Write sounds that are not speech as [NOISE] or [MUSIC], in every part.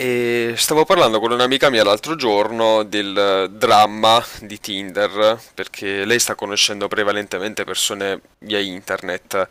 E stavo parlando con un'amica mia l'altro giorno del dramma di Tinder, perché lei sta conoscendo prevalentemente persone via internet.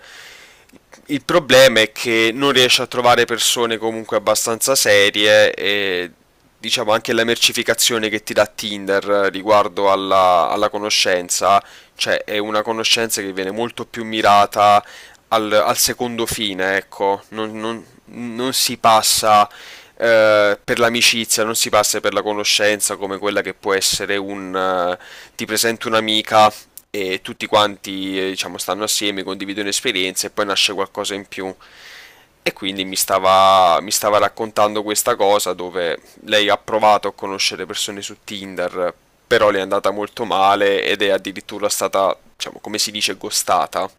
Il problema è che non riesce a trovare persone comunque abbastanza serie e diciamo anche la mercificazione che ti dà Tinder riguardo alla conoscenza, cioè è una conoscenza che viene molto più mirata al secondo fine, ecco, non si passa per l'amicizia, non si passa per la conoscenza come quella che può essere un ti presento un'amica e tutti quanti diciamo stanno assieme, condividono esperienze e poi nasce qualcosa in più. E quindi mi stava raccontando questa cosa dove lei ha provato a conoscere persone su Tinder, però le è andata molto male ed è addirittura stata, diciamo, come si dice, ghostata.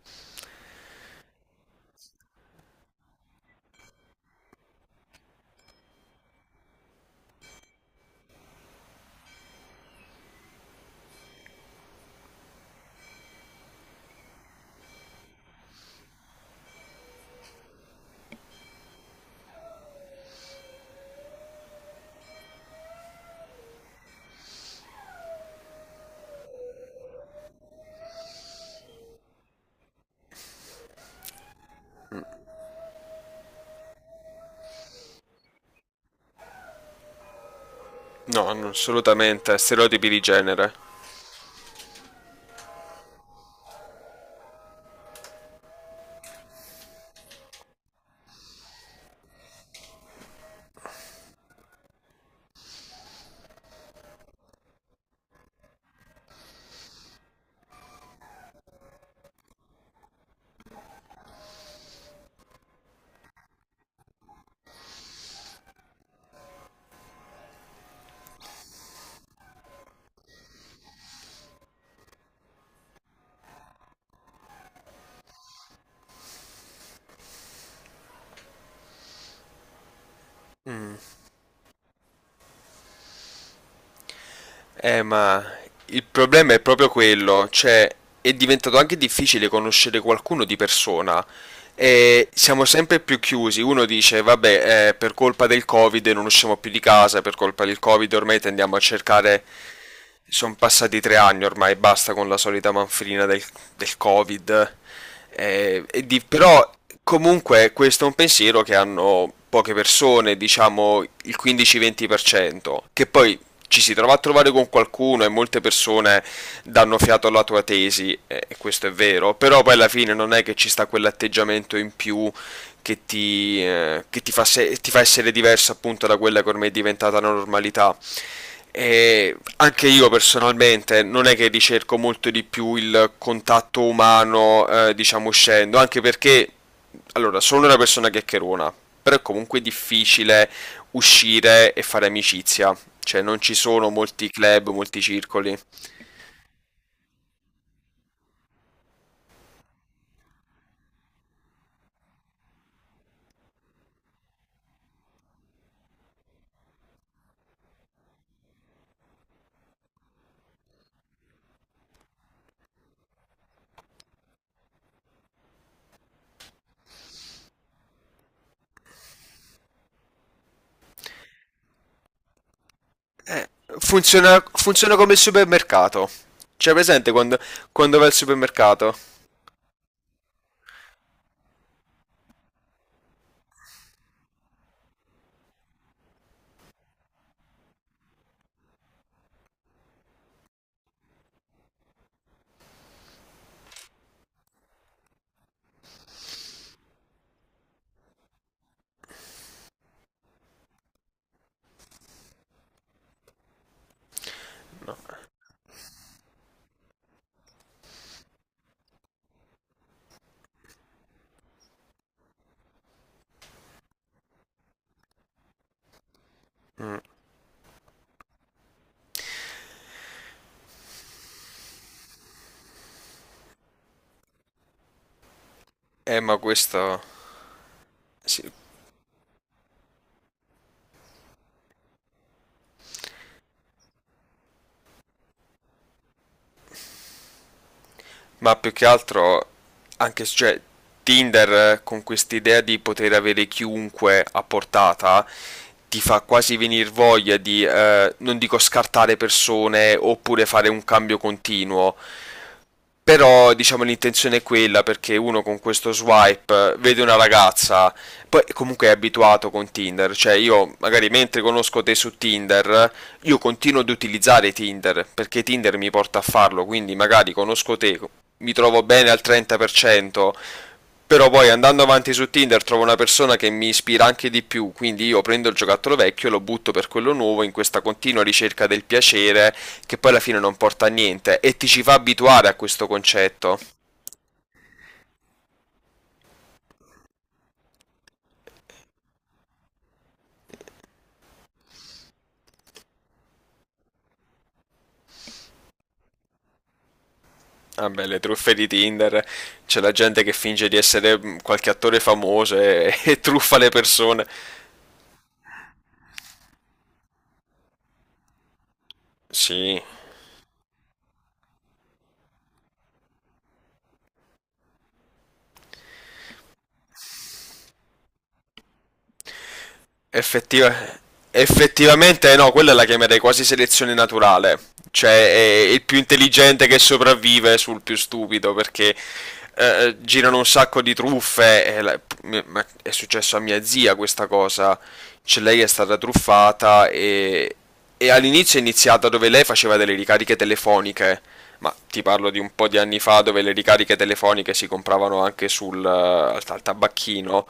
No, assolutamente, stereotipi di genere. Ma il problema è proprio quello, cioè è diventato anche difficile conoscere qualcuno di persona. E siamo sempre più chiusi. Uno dice, vabbè, per colpa del Covid non usciamo più di casa, per colpa del Covid ormai tendiamo a cercare. Sono passati tre anni ormai, basta con la solita manfrina del Covid. Però comunque questo è un pensiero che hanno poche persone, diciamo il 15-20%, che poi ci si trova a trovare con qualcuno e molte persone danno fiato alla tua tesi, e questo è vero, però poi alla fine non è che ci sta quell'atteggiamento in più che ti fa, ti fa essere diverso appunto da quella che ormai è diventata la normalità. E anche io personalmente non è che ricerco molto di più il contatto umano, diciamo uscendo, anche perché, allora, sono una persona chiacchierona, però è comunque difficile uscire e fare amicizia, cioè non ci sono molti club, molti circoli. Eh, funziona come il supermercato, cioè presente quando vai al supermercato? Mm. Ma questo... sì, ma più che altro cioè, Tinder, con quest'idea di poter avere chiunque a portata ti fa quasi venir voglia di, non dico scartare persone oppure fare un cambio continuo, però diciamo l'intenzione è quella perché uno con questo swipe vede una ragazza, poi comunque è abituato con Tinder, cioè io magari mentre conosco te su Tinder, io continuo ad utilizzare Tinder perché Tinder mi porta a farlo, quindi magari conosco te, mi trovo bene al 30%, però poi andando avanti su Tinder trovo una persona che mi ispira anche di più, quindi io prendo il giocattolo vecchio e lo butto per quello nuovo in questa continua ricerca del piacere che poi alla fine non porta a niente e ti ci fa abituare a questo concetto. Vabbè, ah, le truffe di Tinder, c'è la gente che finge di essere qualche attore famoso e, [LAUGHS] e truffa le persone. Sì, Effettiva- effettivamente no, quella la chiamerei quasi selezione naturale, cioè è il più intelligente che sopravvive sul più stupido perché girano un sacco di truffe, e ma è successo a mia zia questa cosa, cioè lei è stata truffata e all'inizio è iniziata dove lei faceva delle ricariche telefoniche, ma ti parlo di un po' di anni fa dove le ricariche telefoniche si compravano anche sul, al al tabacchino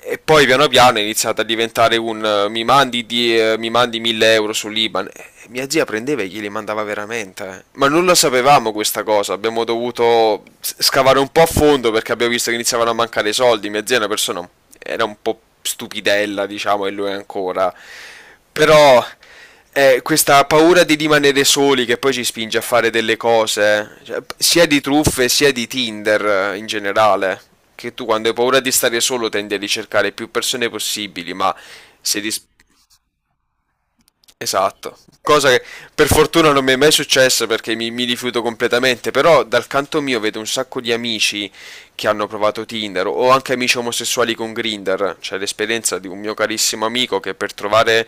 e poi piano piano è iniziato a diventare un mi mandi 1000 euro sull'Iban. E mia zia prendeva e glieli mandava veramente. Eh. Ma non lo sapevamo questa cosa, abbiamo dovuto scavare un po' a fondo perché abbiamo visto che iniziavano a mancare i soldi. Mia zia è una persona, era un po' stupidella, diciamo, e lui ancora. Però è questa paura di rimanere soli che poi ci spinge a fare delle cose, cioè, sia di truffe sia di Tinder, in generale, che tu quando hai paura di stare solo tendi a ricercare più persone possibili, ma se, dis- esatto, cosa che per fortuna non mi è mai successa perché mi rifiuto completamente, però dal canto mio vedo un sacco di amici che hanno provato Tinder o anche amici omosessuali con Grindr, c'è l'esperienza di un mio carissimo amico che per trovare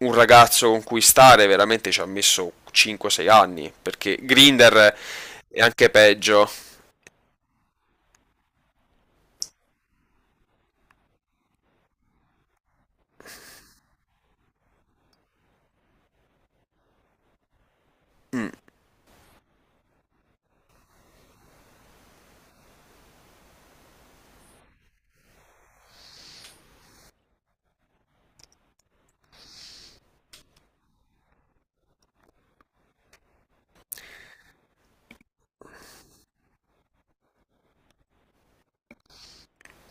un ragazzo con cui stare veramente ci ha messo 5-6 anni, perché Grindr è anche peggio,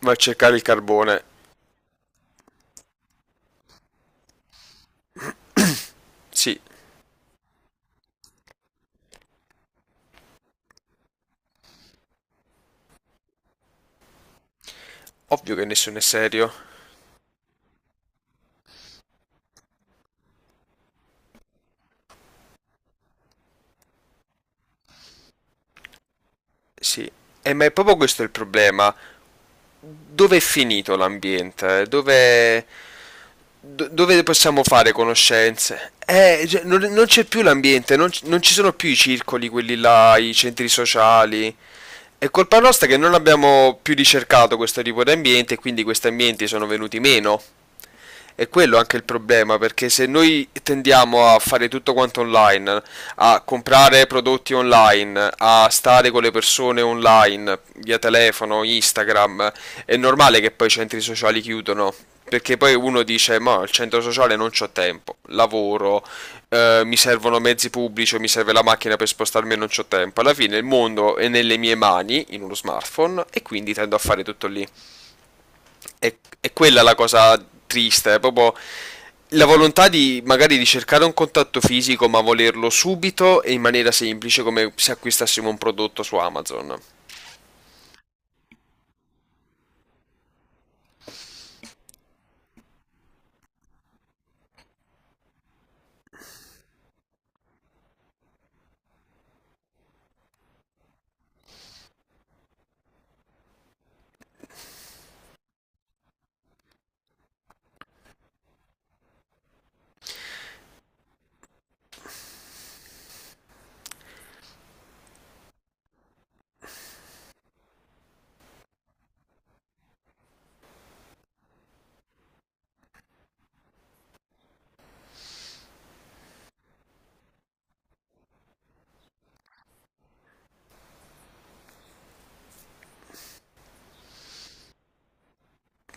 va a cercare il carbone, sì, ovvio che nessuno è serio, sì, e ma è proprio questo il problema. Dove è finito l'ambiente? Dove possiamo fare conoscenze? Cioè, non c'è più l'ambiente, non ci sono più i circoli, quelli là, i centri sociali. È colpa nostra che non abbiamo più ricercato questo tipo di ambiente e quindi questi ambienti sono venuti meno. È quello anche il problema, perché se noi tendiamo a fare tutto quanto online, a comprare prodotti online, a stare con le persone online, via telefono, Instagram, è normale che poi i centri sociali chiudono. Perché poi uno dice: ma al centro sociale non c'ho tempo, lavoro, mi servono mezzi pubblici, o mi serve la macchina per spostarmi e non c'ho tempo. Alla fine il mondo è nelle mie mani, in uno smartphone, e quindi tendo a fare tutto lì. è, è quella la cosa triste, è proprio la volontà di magari di cercare un contatto fisico, ma volerlo subito e in maniera semplice, come se acquistassimo un prodotto su Amazon.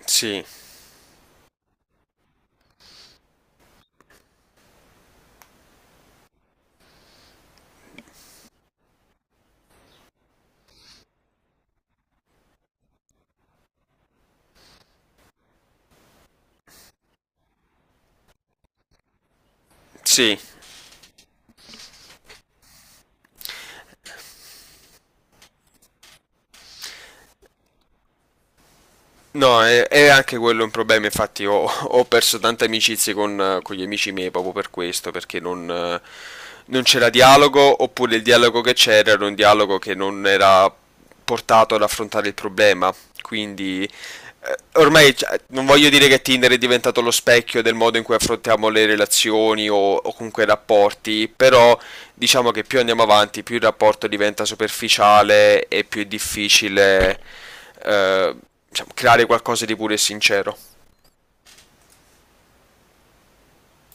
Sì, sì, no, è anche quello un problema, infatti ho, [LAUGHS] ho perso tante amicizie con gli amici miei proprio per questo, perché non, non c'era dialogo, oppure il dialogo che c'era era un dialogo che non era portato ad affrontare il problema. Quindi ormai cioè, non voglio dire che Tinder è diventato lo specchio del modo in cui affrontiamo le relazioni o comunque i rapporti, però diciamo che più andiamo avanti, più il rapporto diventa superficiale e più è difficile eh, diciamo, creare qualcosa di puro e sincero.